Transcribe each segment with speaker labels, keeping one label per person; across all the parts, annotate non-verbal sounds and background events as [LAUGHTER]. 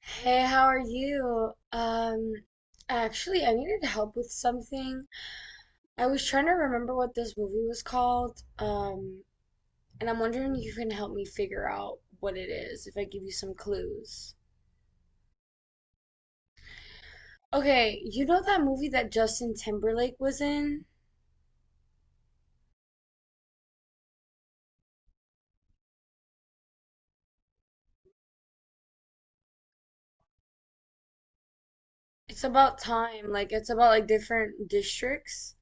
Speaker 1: Hey, how are you? Actually, I needed help with something. I was trying to remember what this movie was called. And I'm wondering if you can help me figure out what it is if I give you some clues. Okay, you know that movie that Justin Timberlake was in? It's about time. Like, it's about like different districts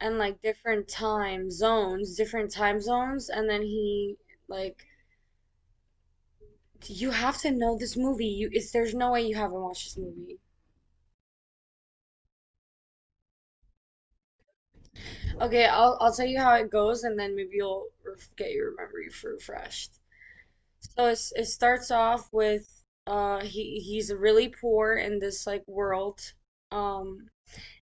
Speaker 1: and like different time zones, and then he like you have to know this movie. You it's there's no way you haven't watched this movie. Okay, I'll tell you how it goes, and then maybe you'll get your memory refreshed. So it starts off with he's really poor in this like world, um,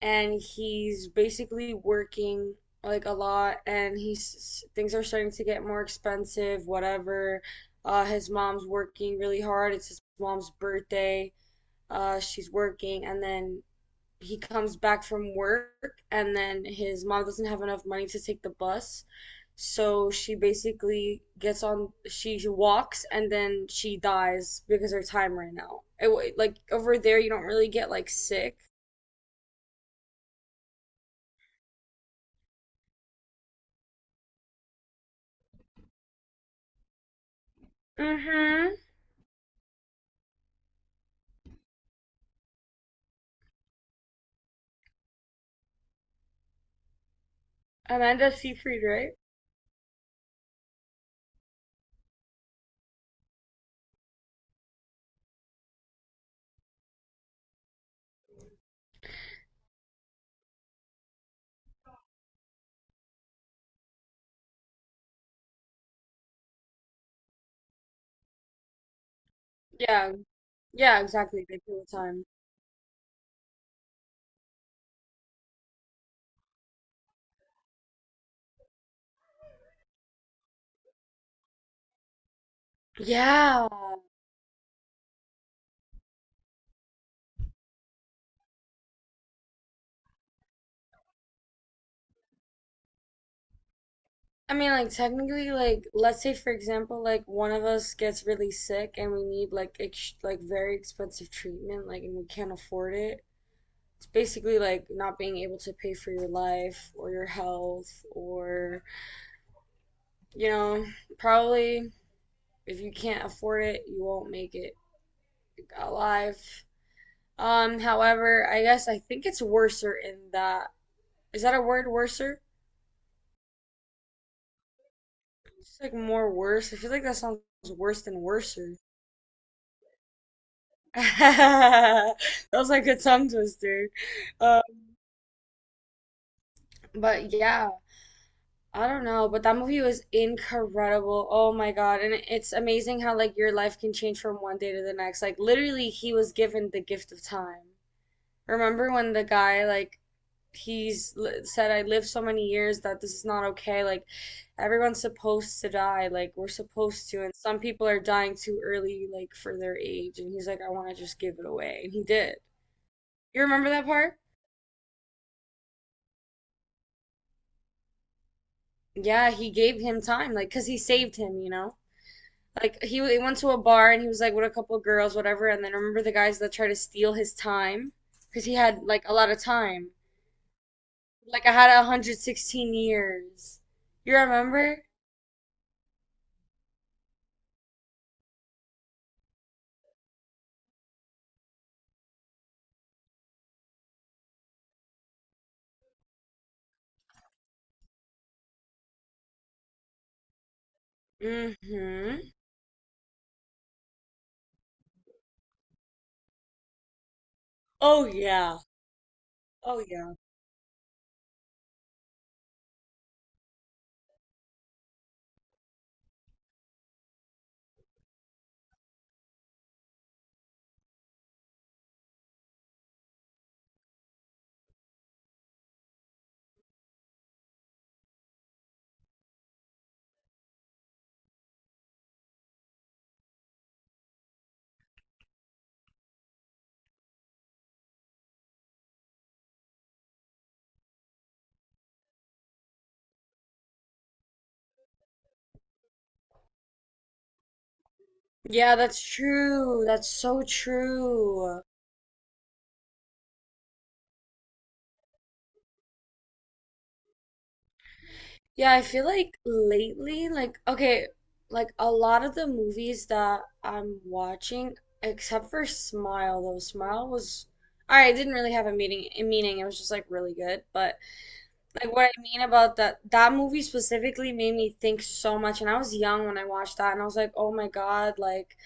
Speaker 1: and he's basically working like a lot, and he's things are starting to get more expensive, whatever. His mom's working really hard. It's his mom's birthday. She's working, and then he comes back from work and then his mom doesn't have enough money to take the bus. So she basically gets on, she walks and then she dies because her time ran out. It, like over there, you don't really get like sick. Mm-hmm. Amanda Seyfried, right? Yeah, yeah, exactly. They kill the time. Yeah. I mean, like, technically, like, let's say, for example, like, one of us gets really sick and we need, like, ex like, very expensive treatment, like, and we can't afford it. It's basically like not being able to pay for your life or your health, or, you know, probably if you can't afford it, you won't make it alive. However, I guess I think it's worser in that. Is that a word, worser? It's like more worse. I feel like that sounds worse than worser. [LAUGHS] That was like a tongue twister. Um, but yeah, I don't know, but that movie was incredible. Oh my God. And it's amazing how like your life can change from one day to the next. Like literally he was given the gift of time. Remember when the guy said I lived so many years that this is not okay. Like everyone's supposed to die. Like we're supposed to and some people are dying too early like for their age and he's like I want to just give it away. And he did. You remember that part? Yeah, he gave him time like 'cause he saved him, you know? Like he went to a bar and he was like with a couple of girls, whatever. And then I remember the guys that tried to steal his time because he had like a lot of time. Like I had 116 years. You remember? Mm-hmm. Oh yeah. Oh yeah. Yeah, that's true. That's so true. Yeah, I feel like lately, like, okay, like a lot of the movies that I'm watching, except for Smile, though Smile was, all right, it didn't really have a meaning, a meaning. It was just like really good. But like what I mean about that movie specifically made me think so much. And I was young when I watched that, and I was like, oh my God, like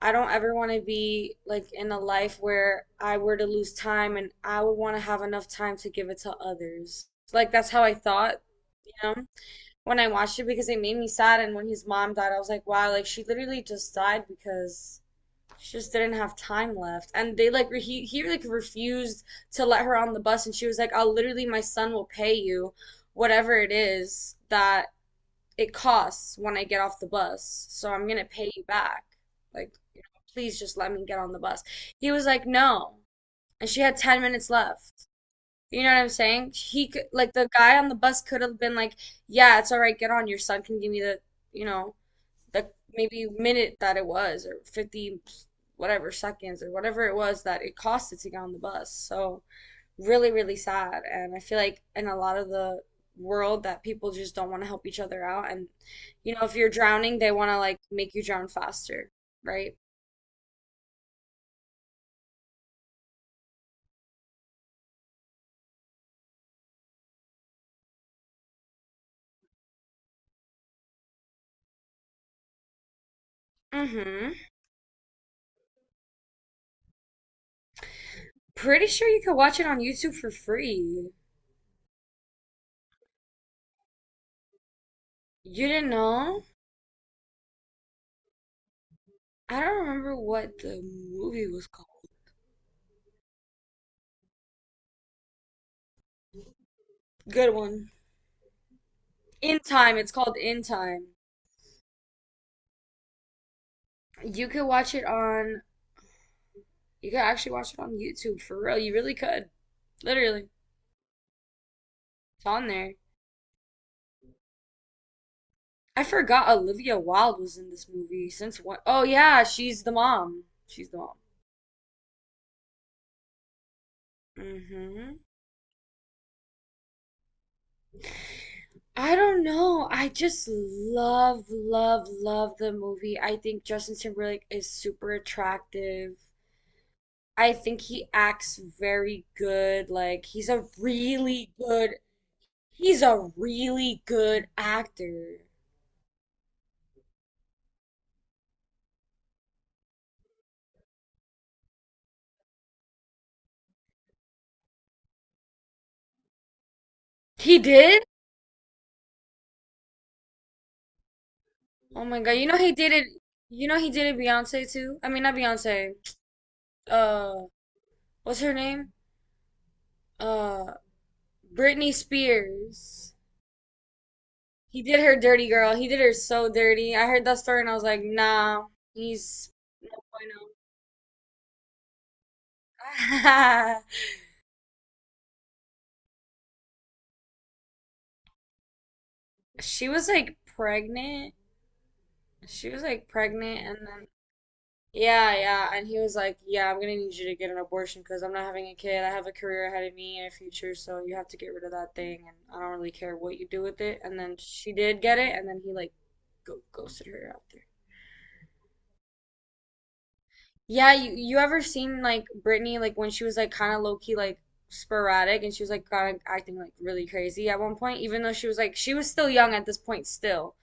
Speaker 1: I don't ever want to be like in a life where I were to lose time, and I would want to have enough time to give it to others. Like that's how I thought, you know, when I watched it because it made me sad. And when his mom died, I was like, wow, like she literally just died because she just didn't have time left. And they like he like refused to let her on the bus, and she was like, I'll literally my son will pay you whatever it is that it costs when I get off the bus, so I'm gonna pay you back. Like, you know, please just let me get on the bus. He was like, no, and she had 10 minutes left. You know what I'm saying? He could, like, the guy on the bus could have been like, yeah, it's all right, get on. Your son can give me the, you know, the maybe minute that it was, or 50 whatever seconds, or whatever it was that it costed to get on the bus. So, really, really sad. And I feel like in a lot of the world that people just don't want to help each other out. And, you know, if you're drowning, they want to, like, make you drown faster, right? Mm-hmm. Pretty sure you could watch it on YouTube for free. You didn't know? I don't remember what the movie was called. Good one. In Time. It's called In Time. You could watch it on. You could actually watch it on YouTube for real. You really could. Literally, it's on there. I forgot Olivia Wilde was in this movie. Since what? Oh yeah, she's the mom. She's the mom. Hmm. I don't know. I just love, love, love the movie. I think Justin Timberlake is super attractive. I think he acts very good. Like he's a really good he's a really good actor. He did? Oh my God. You know he did it, you know he did it Beyonce too? I mean not Beyonce. Uh what's her name? Uh Britney Spears. He did her dirty girl. He did her so dirty. I heard that story and I was like, nah, he's no bueno. [LAUGHS] She was like pregnant. She was like pregnant and then yeah, yeah. And he was like, yeah, I'm gonna need you to get an abortion because I'm not having a kid. I have a career ahead of me and a future, so you have to get rid of that thing and I don't really care what you do with it. And then she did get it and then he like go ghosted her out there. Yeah, you ever seen like Britney like when she was like kinda low key like sporadic and she was like kinda acting like really crazy at one point, even though she was like she was still young at this point still.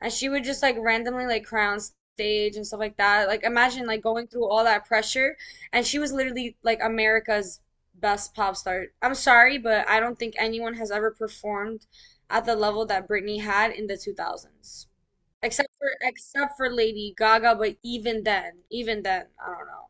Speaker 1: And she would just like randomly like cry on stage and stuff like that. Like imagine like going through all that pressure, and she was literally like America's best pop star. I'm sorry, but I don't think anyone has ever performed at the level that Britney had in the 2000s. Except for Lady Gaga, but even then, I don't know.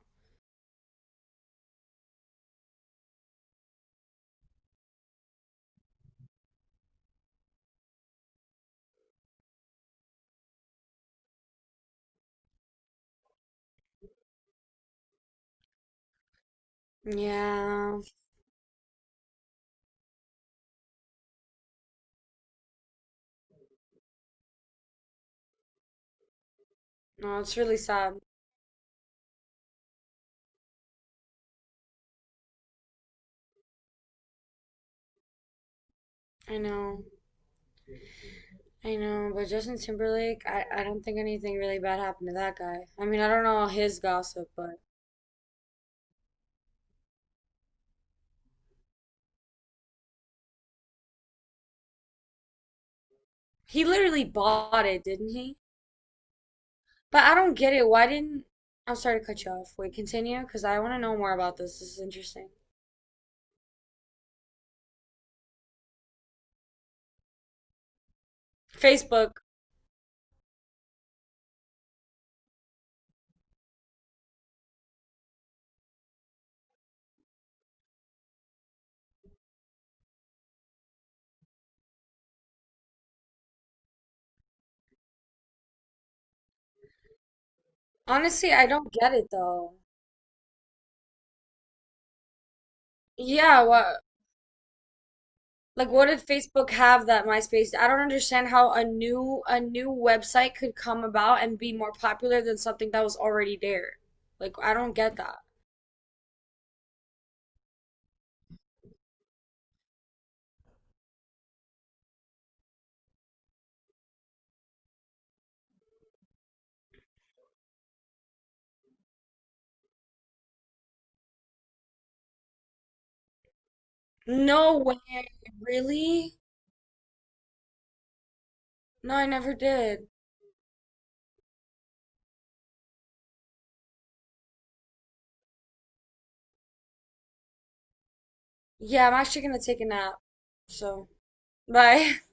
Speaker 1: Yeah, no, it's really sad. I know, I know, but Justin Timberlake, I don't think anything really bad happened to that guy. I mean, I don't know his gossip, but he literally bought it, didn't he? But I don't get it. Why didn't, I'm sorry to cut you off. Wait, continue, because I want to know more about this. This is interesting. Facebook. Honestly, I don't get it though. Yeah, what like what did Facebook have that MySpace? I don't understand how a new website could come about and be more popular than something that was already there. Like I don't get that. No way. Really? No, I never did. Yeah, I'm actually gonna take a nap. So, bye. [LAUGHS]